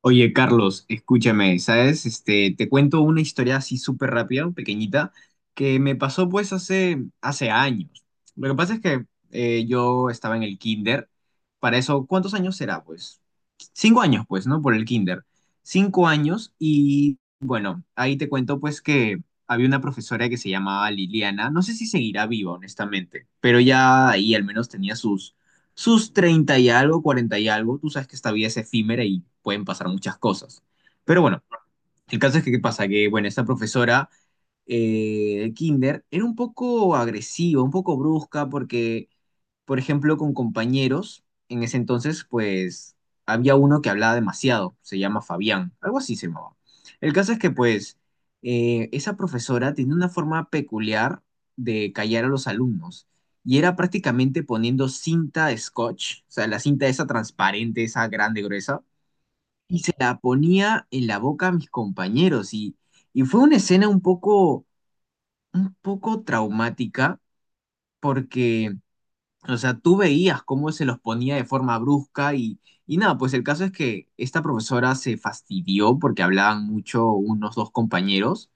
Oye, Carlos, escúchame, ¿sabes? Te cuento una historia así súper rápida, pequeñita, que me pasó pues hace años. Lo que pasa es que yo estaba en el kinder. Para eso, ¿cuántos años será? Pues cinco años, pues, ¿no? Por el kinder. 5 años y bueno, ahí te cuento pues que había una profesora que se llamaba Liliana. No sé si seguirá viva, honestamente, pero ya ahí al menos tenía sus 30 y algo, 40 y algo, tú sabes que esta vida es efímera y pueden pasar muchas cosas. Pero bueno, el caso es que, ¿qué pasa? Que, bueno, esta profesora de Kinder era un poco agresiva, un poco brusca, porque por ejemplo, con compañeros, en ese entonces, pues había uno que hablaba demasiado, se llama Fabián, algo así se llamaba. El caso es que, pues, esa profesora tenía una forma peculiar de callar a los alumnos y era prácticamente poniendo cinta de scotch, o sea, la cinta esa transparente, esa grande, gruesa, y se la ponía en la boca a mis compañeros y fue una escena un poco traumática porque o sea, tú veías cómo se los ponía de forma brusca y nada, pues el caso es que esta profesora se fastidió porque hablaban mucho unos dos compañeros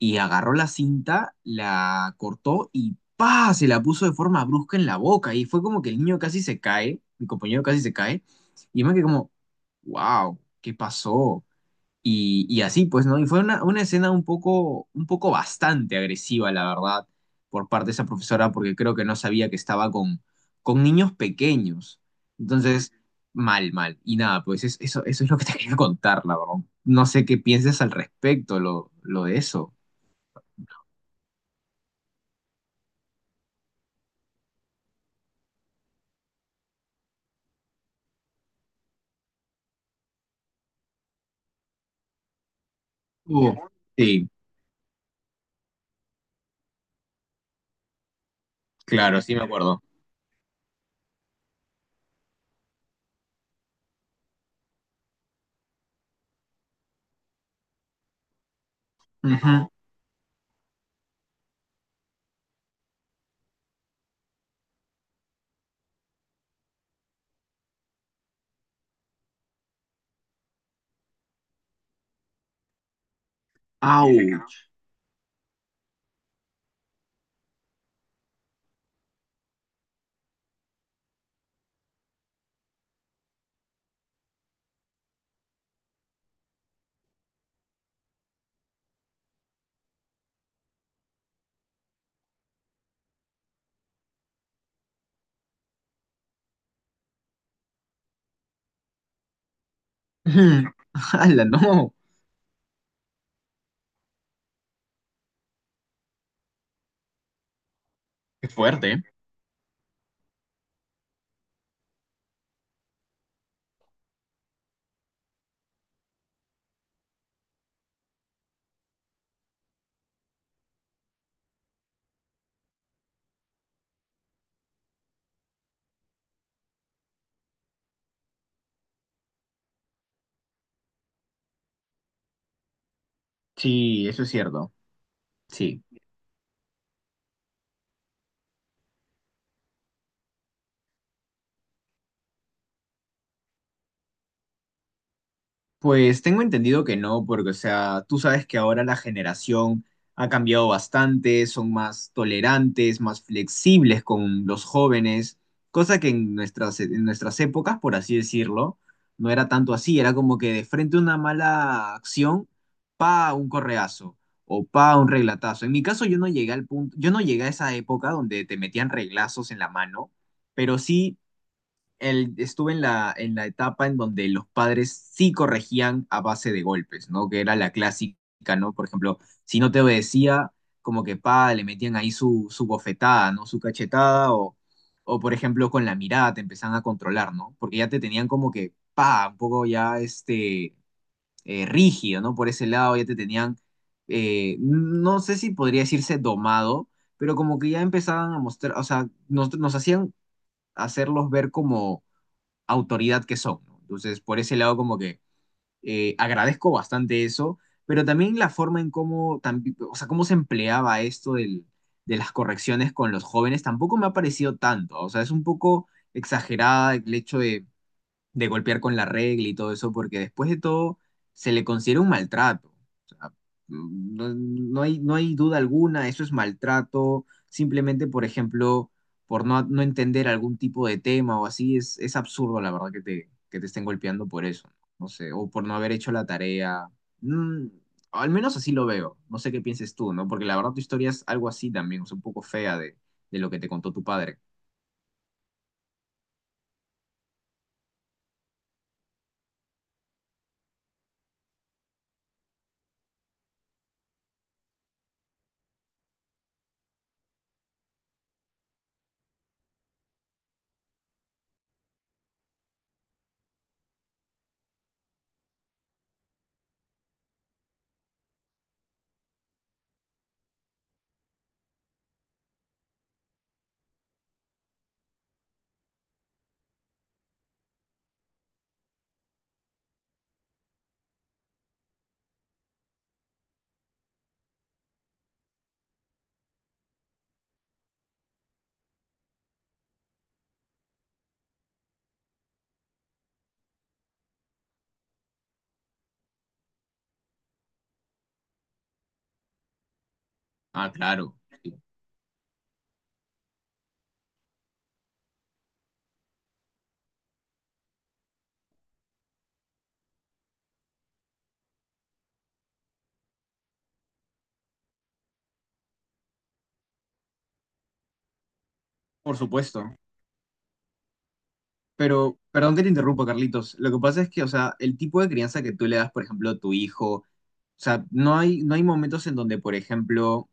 y agarró la cinta, la cortó y ¡pa! Se la puso de forma brusca en la boca y fue como que el niño casi se cae, mi compañero casi se cae y me quedé como, wow, ¿qué pasó? Y así, pues, ¿no? Y fue una escena un poco bastante agresiva, la verdad, por parte de esa profesora, porque creo que no sabía que estaba con niños pequeños. Entonces, mal, mal. Y nada, pues eso es lo que te quería contar, la verdad. No sé qué pienses al respecto, lo de eso. Uh, sí, claro, sí me acuerdo. Ujú. Au. Ujú. ¡Hala, no! Qué fuerte. ¿Eh? Sí, eso es cierto. Sí. Pues tengo entendido que no, porque, o sea, tú sabes que ahora la generación ha cambiado bastante, son más tolerantes, más flexibles con los jóvenes, cosa que en en nuestras épocas, por así decirlo, no era tanto así, era como que de frente a una mala acción, pa, un correazo o pa, un reglatazo. En mi caso yo no llegué al punto, yo no llegué a esa época donde te metían reglazos en la mano, pero sí estuve en en la etapa en donde los padres sí corregían a base de golpes, ¿no? Que era la clásica, ¿no? Por ejemplo, si no te obedecía, como que pa, le metían ahí su bofetada, ¿no? Su cachetada o, por ejemplo, con la mirada te empezaban a controlar, ¿no? Porque ya te tenían como que pa, un poco ya rígido, ¿no? Por ese lado ya te tenían. No sé si podría decirse domado, pero como que ya empezaban a mostrar, o sea, nos hacían hacerlos ver como autoridad que son. ¿No? Entonces, por ese lado, como que agradezco bastante eso, pero también la forma en cómo, o sea, cómo se empleaba esto de las correcciones con los jóvenes tampoco me ha parecido tanto. O sea, es un poco exagerada el hecho de golpear con la regla y todo eso, porque después de todo se le considera un maltrato. O sea, no hay, no hay duda alguna, eso es maltrato, simplemente, por ejemplo, por no entender algún tipo de tema o así, es absurdo, la verdad, que que te estén golpeando por eso, no sé, o por no haber hecho la tarea. Mm, al menos así lo veo, no sé qué pienses tú, ¿no? Porque la verdad tu historia es algo así también, o sea, un poco fea de lo que te contó tu padre. Ah, claro, sí, por supuesto. Pero, perdón que te interrumpo, Carlitos. Lo que pasa es que, o sea, el tipo de crianza que tú le das, por ejemplo, a tu hijo, o sea, no hay, no hay momentos en donde, por ejemplo,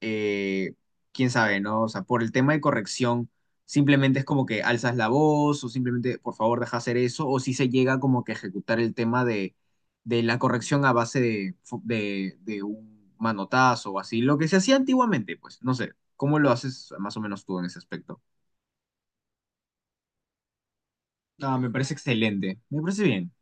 eh, quién sabe, ¿no? O sea, por el tema de corrección, simplemente es como que alzas la voz o simplemente, por favor, deja hacer eso, o si se llega como que a ejecutar el tema de la corrección a base de un manotazo o así, lo que se hacía antiguamente, pues, no sé, ¿cómo lo haces más o menos tú en ese aspecto? Ah, me parece excelente, me parece bien.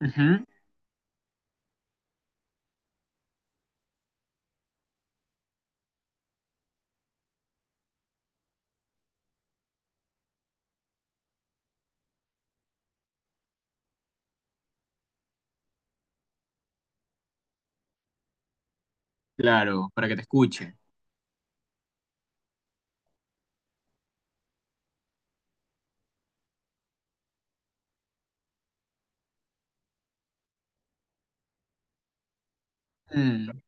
Ujú. Claro, para que te escuche. Mm.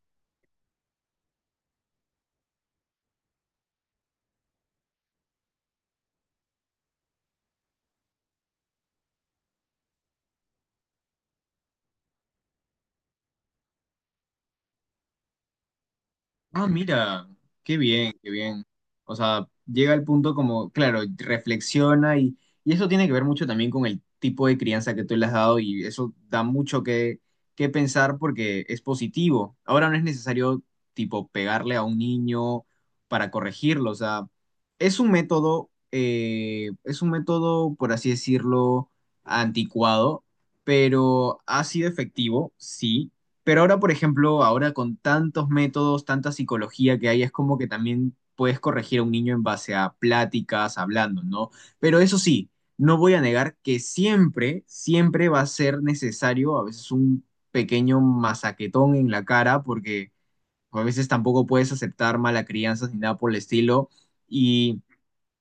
Ah, mira, qué bien, qué bien. O sea, llega al punto como, claro, reflexiona y eso tiene que ver mucho también con el tipo de crianza que tú le has dado y eso da mucho que pensar porque es positivo. Ahora no es necesario, tipo, pegarle a un niño para corregirlo. O sea, es un método, por así decirlo, anticuado, pero ha sido efectivo, sí. Pero ahora, por ejemplo, ahora con tantos métodos, tanta psicología que hay, es como que también puedes corregir a un niño en base a pláticas, hablando, ¿no? Pero eso sí, no voy a negar que siempre va a ser necesario a veces un pequeño masaquetón en la cara, porque pues, a veces tampoco puedes aceptar mala crianza ni nada por el estilo. Y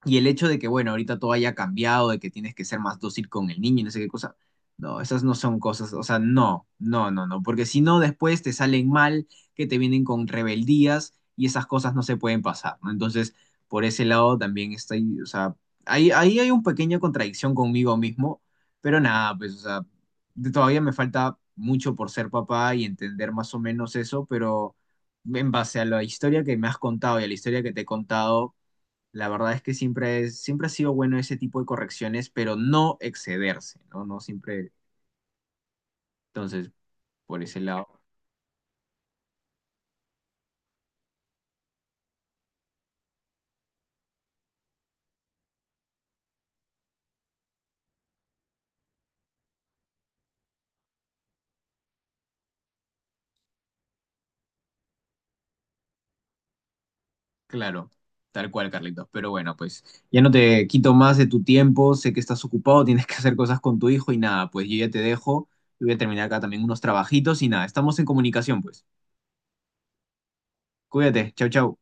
y el hecho de que, bueno, ahorita todo haya cambiado, de que tienes que ser más dócil con el niño y no sé qué cosa. No, esas no son cosas, o sea, no, no, no, no, porque si no después te salen mal, que te vienen con rebeldías y esas cosas no se pueden pasar, ¿no? Entonces, por ese lado también estoy, o sea, ahí hay una pequeña contradicción conmigo mismo, pero nada, pues, o sea, todavía me falta mucho por ser papá y entender más o menos eso, pero en base a la historia que me has contado y a la historia que te he contado, la verdad es que siempre ha sido bueno ese tipo de correcciones, pero no excederse, ¿no? No siempre, entonces, por ese lado, claro, tal cual, Carlitos. Pero bueno, pues ya no te quito más de tu tiempo, sé que estás ocupado, tienes que hacer cosas con tu hijo y nada, pues yo ya te dejo, yo voy a terminar acá también unos trabajitos y nada, estamos en comunicación, pues. Cuídate, chau, chau.